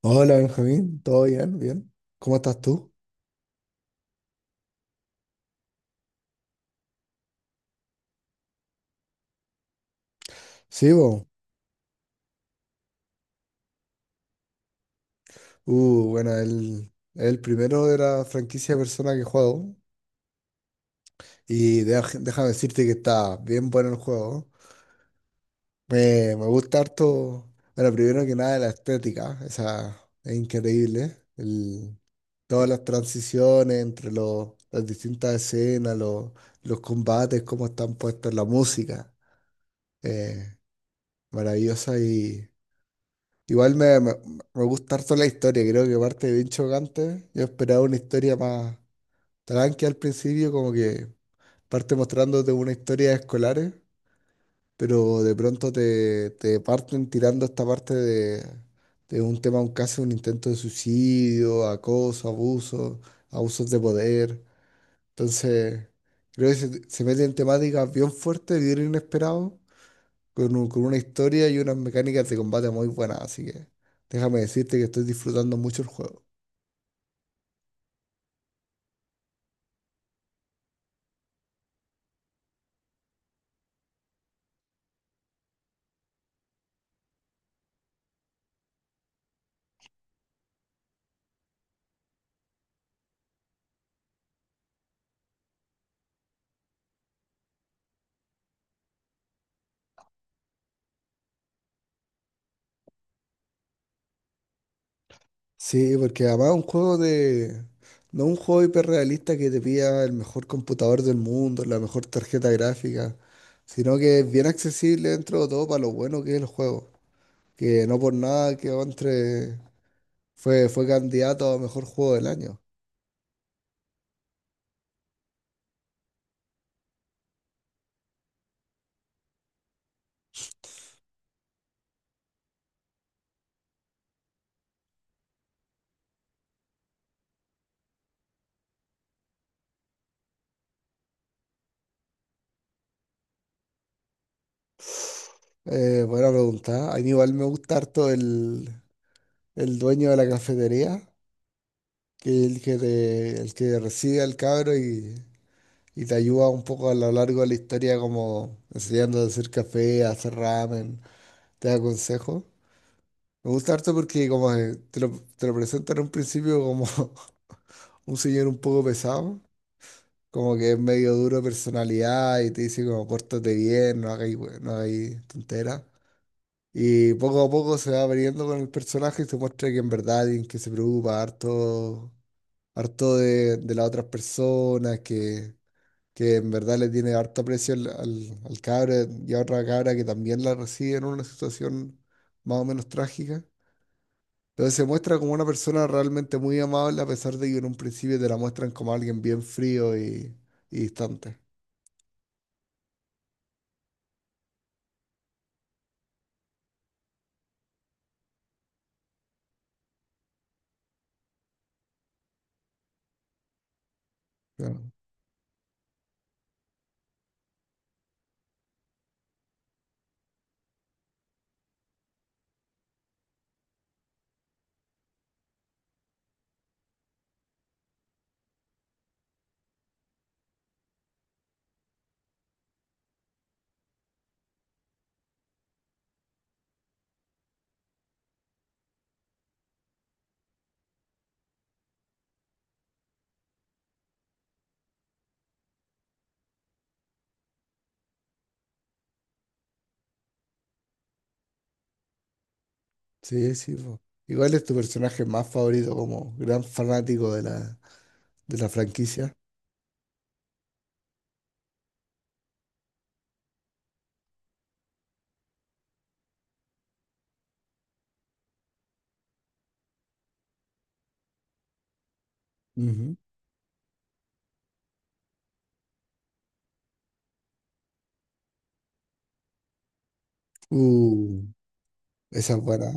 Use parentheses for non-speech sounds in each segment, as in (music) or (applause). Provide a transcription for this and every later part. Hola Benjamín, ¿todo bien? ¿Bien? ¿Cómo estás tú? Sí, bo. Bueno, el primero de la franquicia de Persona que juego. Y déjame decirte que está bien bueno el juego. Me gusta harto. Bueno, primero que nada la estética, esa es increíble. Todas las transiciones entre las distintas escenas, los combates, cómo están puestos, la música. eh, Maravillosa. Igual me gusta harto la historia, creo que parte bien chocante. Yo esperaba una historia más tranqui al principio, como que parte mostrándote una historia de escolares, pero de pronto te parten tirando esta parte de un tema, un caso, un intento de suicidio, acoso, abuso, abusos de poder. Entonces, creo que se mete en temáticas bien fuertes, bien inesperados, con una historia y unas mecánicas de combate muy buenas, así que déjame decirte que estoy disfrutando mucho el juego. Sí, porque además es un juego de... No un juego hiperrealista que te pida el mejor computador del mundo, la mejor tarjeta gráfica, sino que es bien accesible dentro de todo para lo bueno que es el juego, que no por nada quedó entre... fue candidato a mejor juego del año. Buena pregunta. A mí igual me gusta harto el dueño de la cafetería, que el que recibe al cabro y te ayuda un poco a lo largo de la historia, como enseñando a hacer café, a hacer ramen, te da consejos. Me gusta harto porque como que te lo presentan en un principio como (laughs) un señor un poco pesado, como que es medio duro de personalidad y te dice como pórtate bien, no hagáis, no hagáis tonteras. Y poco a poco se va abriendo con el personaje y se muestra que en verdad alguien que se preocupa harto harto de las otras personas, que en verdad le tiene harto aprecio al cabra y a otra cabra que también la recibe en una situación más o menos trágica. Entonces se muestra como una persona realmente muy amable a pesar de que en un principio te la muestran como alguien bien frío y distante. Claro. Sí, sí. po. Igual es tu personaje más favorito como gran fanático de de la franquicia. Ujú. Uh, esa es buena.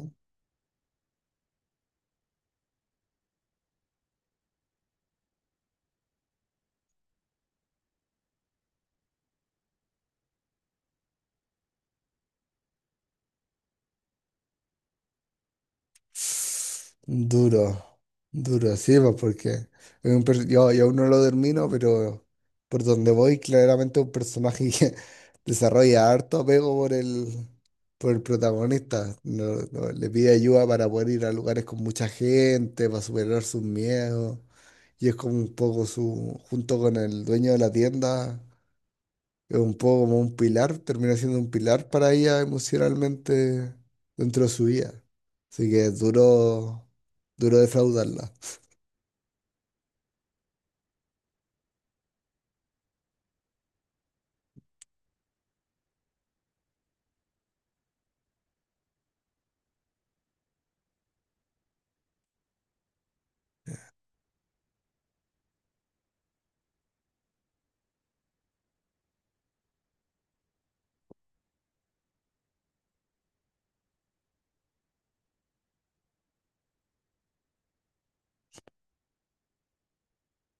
Duro, duro, sí, pues porque es yo aún no lo termino, pero por donde voy, claramente un personaje que (laughs) desarrolla harto apego por por el protagonista. No- no, Le pide ayuda para poder ir a lugares con mucha gente, para superar sus miedos. Y es como un poco su, junto con el dueño de la tienda es un poco como un pilar, termina siendo un pilar para ella emocionalmente dentro de su vida. Así que es duro, duro defraudarla.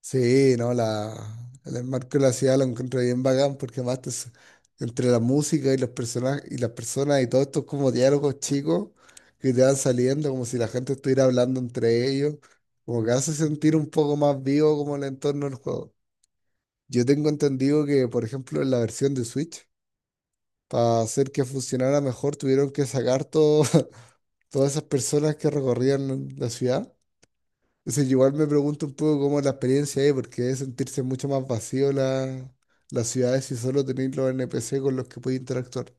Sí, no, el enmarco de la ciudad lo encuentro bien bacán porque además entre la música y los personajes y las personas y todos estos como diálogos chicos que te van saliendo como si la gente estuviera hablando entre ellos, como que hace sentir un poco más vivo como el entorno del juego. Yo tengo entendido que, por ejemplo, en la versión de Switch, para hacer que funcionara mejor, tuvieron que sacar (laughs) todas esas personas que recorrían la ciudad. Entonces, igual me pregunto un poco cómo es la experiencia ahí, porque debe sentirse mucho más vacío las ciudades si solo tenéis los NPC con los que podéis interactuar.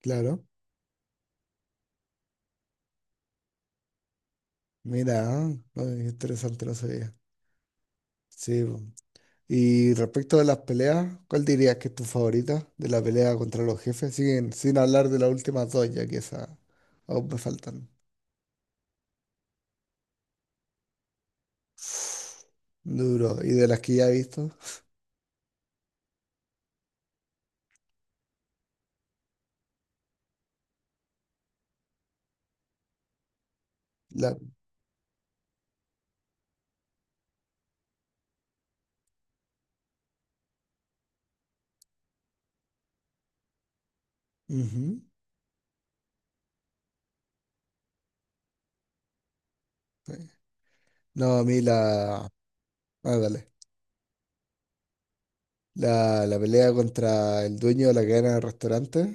Claro. Mira, ah, ay, interesante, no sabía. Sí. po. Y respecto de las peleas, ¿cuál dirías que es tu favorita de la pelea contra los jefes? Sin, sin hablar de las últimas dos, ya que esas aún me faltan. (sighs) Duro. ¿Y de las que ya he visto? La, ujú. Sí. No, a mí la. Ah, dale. La pelea contra el dueño de la cadena de restaurantes,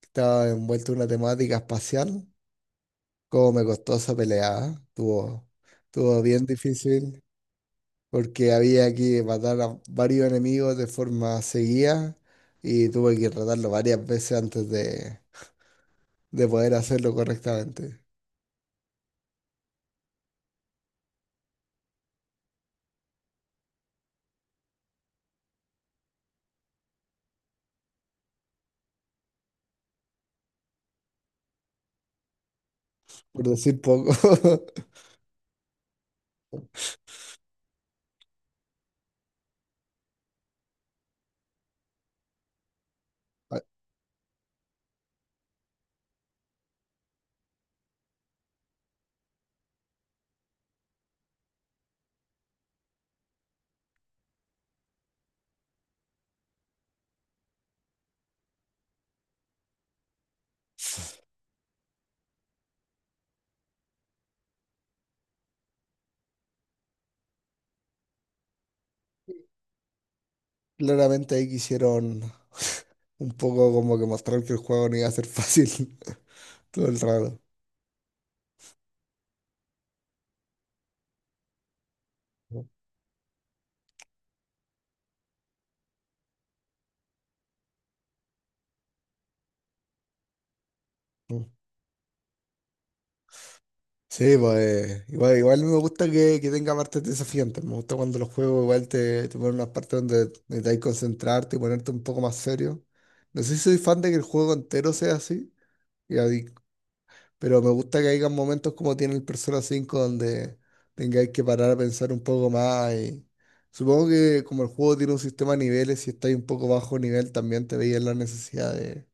que estaba envuelto en una temática espacial. Cómo me costó esa pelea, ¿eh? Estuvo, estuvo bien difícil porque había que matar a varios enemigos de forma seguida y tuve que tratarlo varias veces antes de poder hacerlo correctamente. Por decir poco. (laughs) Claramente ahí quisieron (laughs) un poco como que mostrar que el juego no iba a ser fácil (laughs) todo el rato. Mm. Sí, pues igual, igual me gusta que tenga partes desafiantes. Me gusta cuando los juegos igual te ponen unas partes donde necesitas concentrarte y ponerte un poco más serio. No sé si soy fan de que el juego entero sea así y, pero me gusta que haya momentos como tiene el Persona 5 donde tengáis que parar a pensar un poco más y supongo que como el juego tiene un sistema de niveles, si estáis un poco bajo nivel también te veías la necesidad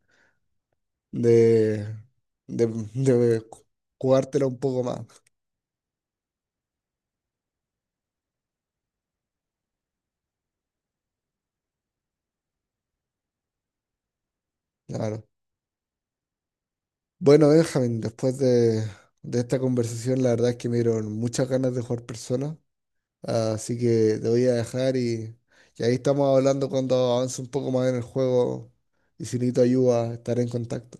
de, de, de ju- jugártela un poco más. Claro. Bueno, Benjamín, después de esta conversación, la verdad es que me dieron muchas ganas de jugar Persona. Así que te voy a dejar y ahí estamos hablando cuando avance un poco más en el juego. Y si necesito ayuda, estaré en contacto.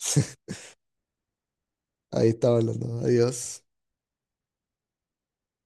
(laughs) Ahí estaba hablando. Adiós.